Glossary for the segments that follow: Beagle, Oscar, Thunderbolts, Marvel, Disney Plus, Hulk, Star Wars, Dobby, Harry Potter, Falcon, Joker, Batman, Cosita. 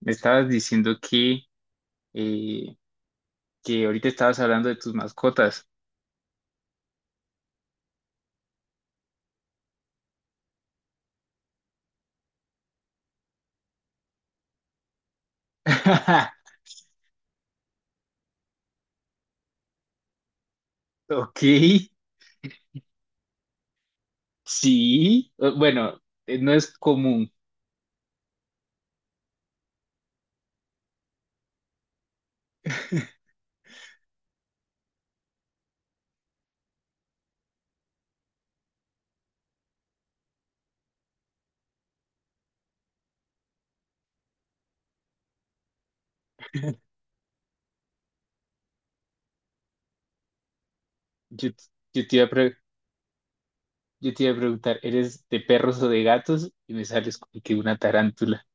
Me estabas diciendo eh, que ahorita estabas hablando de tus mascotas. Ok, sí. Bueno, no es común. Yo, t- yo te iba a pre- yo te iba a preguntar, ¿eres de perros o de gatos? Y me sales con que una tarántula.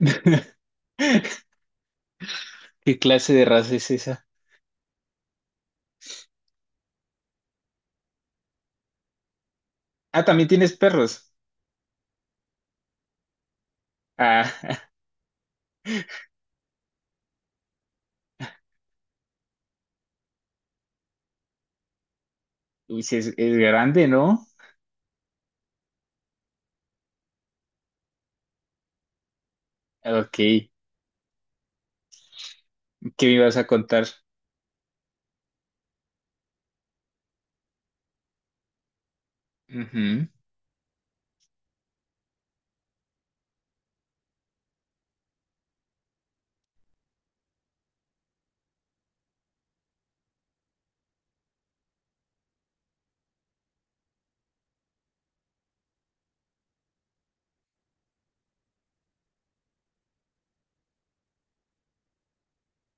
¿Qué clase de raza es esa? Ah, también tienes perros. Ah, uy, sí es grande, ¿no? Ok, ¿qué me ibas a contar? Ujú.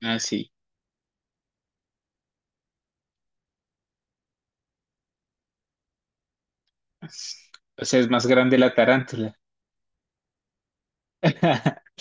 Ah, sí. O sea, es más grande la tarántula.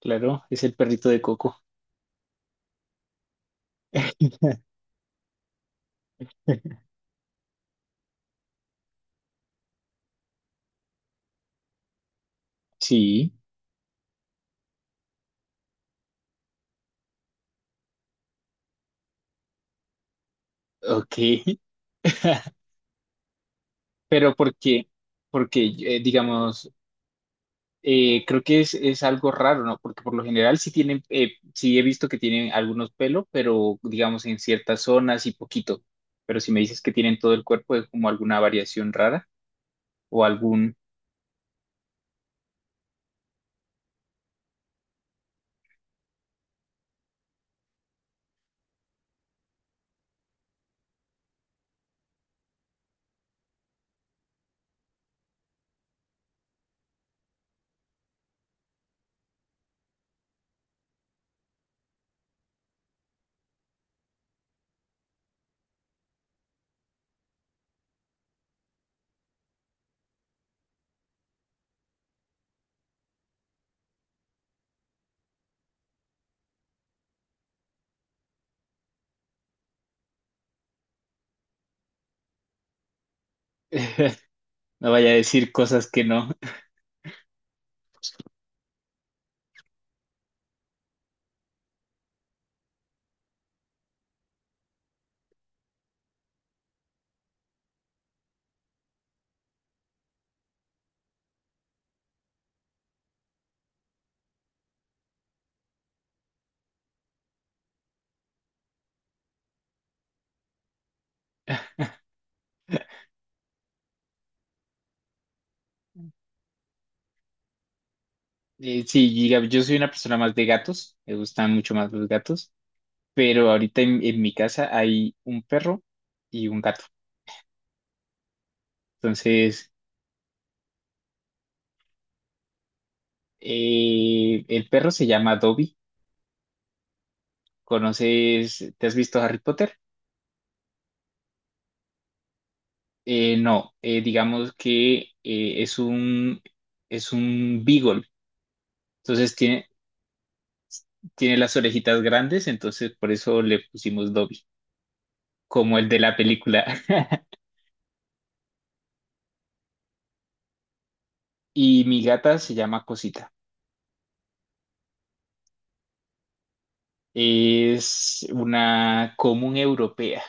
Claro, es el perrito de Coco. Sí, ok. Pero porque digamos, creo que es algo raro, ¿no? Porque por lo general sí tienen, sí he visto que tienen algunos pelos, pero digamos en ciertas zonas y poquito. Pero si me dices que tienen todo el cuerpo, es como alguna variación rara o algún, no vaya a decir cosas que no. Sí, diga- Yo soy una persona más de gatos, me gustan mucho más los gatos. Pero ahorita en mi casa hay un perro y un gato. Entonces, el perro se llama Dobby. ¿Conoces, te has visto Harry Potter? No, Digamos que eh, es un, es un beagle. Entonces tiene, Tiene las orejitas grandes, entonces por eso le pusimos Dobby, como el de la película. Y mi gata se llama Cosita. Es una común europea.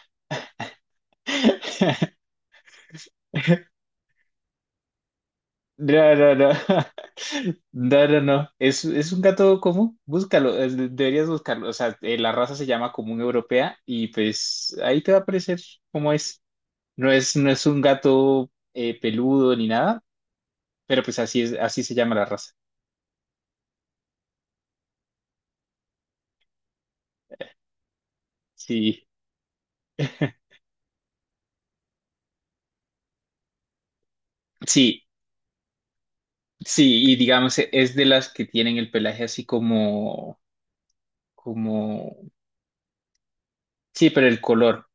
No, no, no. No, no, no. Es un gato común. Búscalo. Deberías buscarlo. O sea, la raza se llama común europea y pues ahí te va a aparecer cómo es. No es un gato peludo ni nada, pero pues así es, así se llama la raza. Sí, sí, sí. Y digamos, es de las que tienen el pelaje así como, sí, pero el color.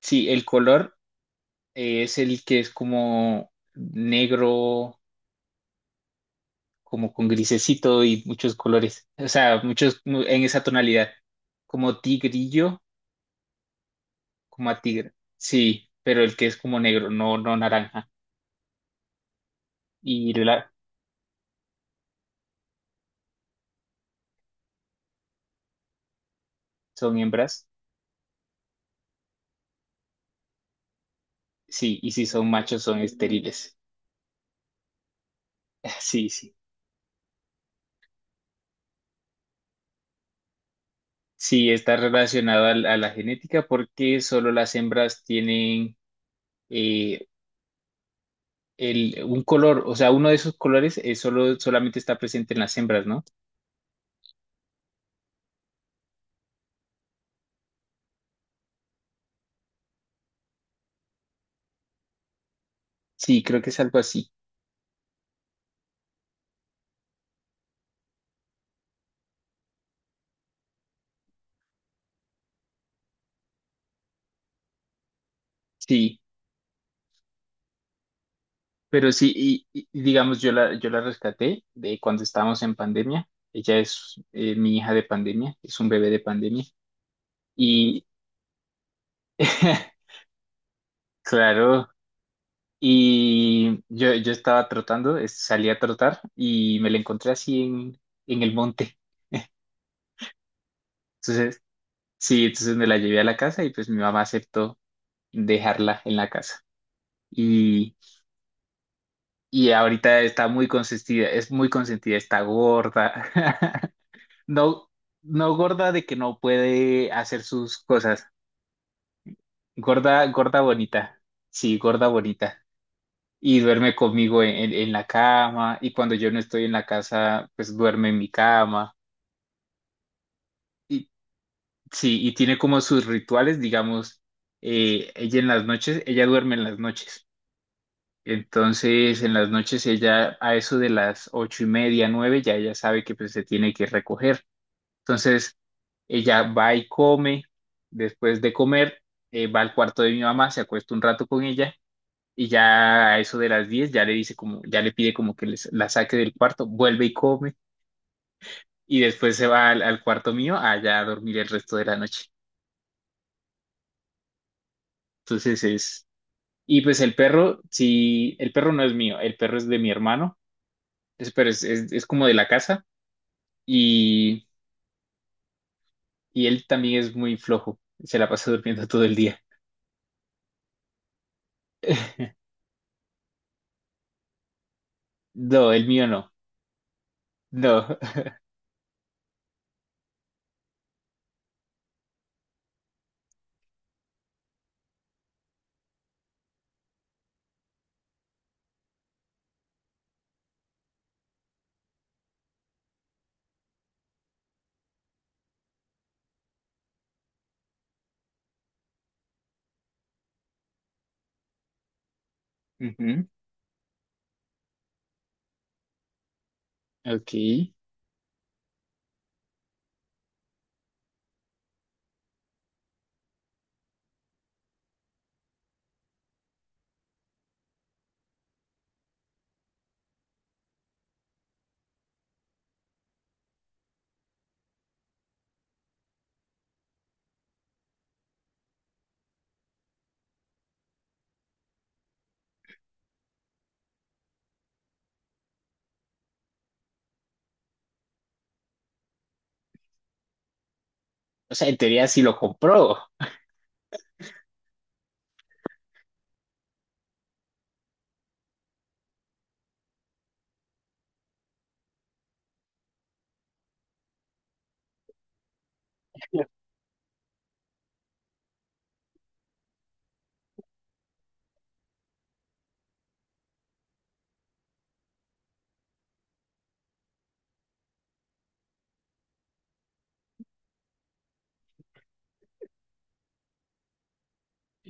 Sí, el color es el que es como negro como con grisecito y muchos colores, o sea, en esa tonalidad, como tigrillo, como a tigre, sí, pero el que es como negro, no naranja, y la- son hembras, sí, y si son machos son estériles, sí, sí, sí, está relacionado a la genética porque solo las hembras tienen eh, un color, o sea, uno de esos colores solamente está presente en las hembras, ¿no? Sí, creo que es algo así, sí. Pero sí, y digamos, yo la rescaté de cuando estábamos en pandemia. Ella es mi hija de pandemia, es un bebé de pandemia. Y claro, yo estaba trotando, salí a trotar y me la encontré así en el monte. Entonces, sí, entonces me la llevé a la casa y pues mi mamá aceptó dejarla en la casa. Y, y ahorita está muy consentida, es muy consentida, está gorda. No, no gorda de que no puede hacer sus cosas. Gorda, gorda bonita. Sí, gorda bonita. Y duerme conmigo en la cama. Y cuando yo no estoy en la casa, pues duerme en mi cama. Y sí, y tiene como sus rituales, digamos, ella en las noches, ella duerme en las noches. Entonces, en las noches ella, a eso de las ocho y media, nueve, ya ella sabe que pues se tiene que recoger. Entonces, ella va y come, después de comer, va al cuarto de mi mamá, se acuesta un rato con ella y ya a eso de las 10 ya le dice como, ya le pide como que la saque del cuarto, vuelve y come y después se va al cuarto mío allá a dormir el resto de la noche. Entonces es, y pues el perro, sí, el perro no es mío, el perro es de mi hermano, pero es como de la casa y, y él también es muy flojo, se la pasa durmiendo todo el día. No, el mío no, no. Ok. O sea, en teoría sí lo compró.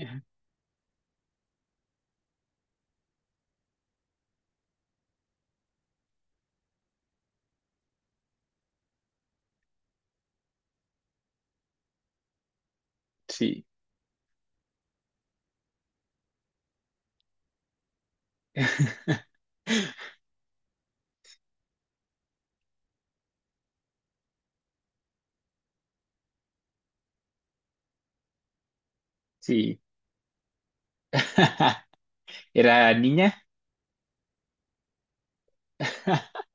Ajá. Sí. Sí. ¿Era niña?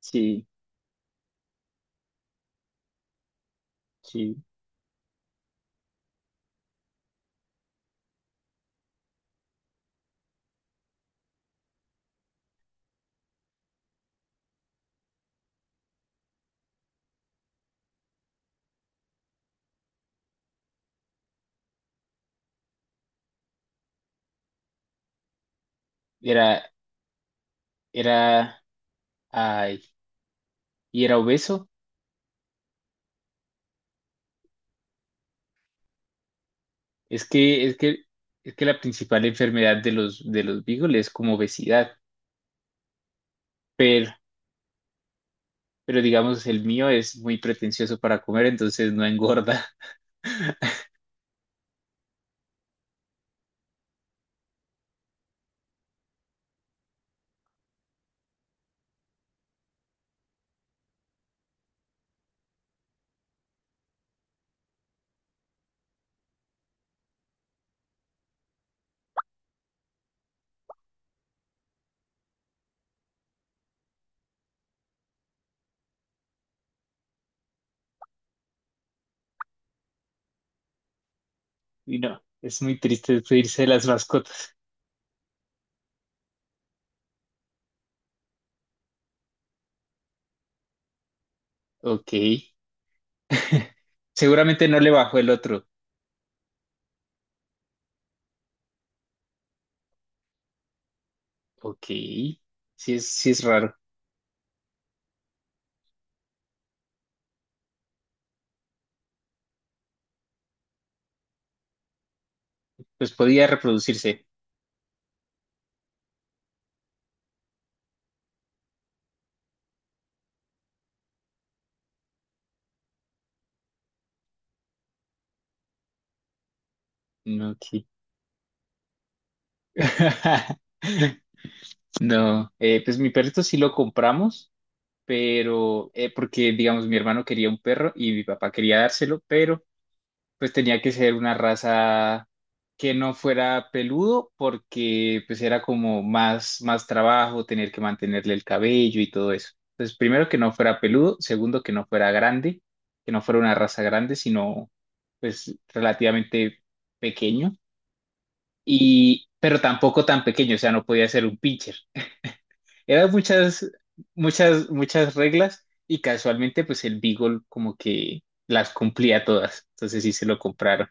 Sí, sí. Era, era, ay, y era obeso. Es que, es que, es que la principal enfermedad de los beagles es como obesidad. Pero, pero digamos, el mío es muy pretencioso para comer, entonces no engorda. Y no, es muy triste despedirse de las mascotas. Ok. Seguramente no le bajó el otro. Ok, sí sí es raro. Pues podía reproducirse. No, ok. No, pues mi perrito sí lo compramos, pero porque digamos mi hermano quería un perro y mi papá quería dárselo, pero pues tenía que ser una raza que no fuera peludo porque pues era como más, más trabajo tener que mantenerle el cabello y todo eso. Entonces, primero que no fuera peludo, segundo que no fuera grande, que no fuera una raza grande, sino pues relativamente pequeño y pero tampoco tan pequeño, o sea, no podía ser un pincher. Eran muchas reglas y casualmente pues el Beagle como que las cumplía todas. Entonces sí se lo compraron.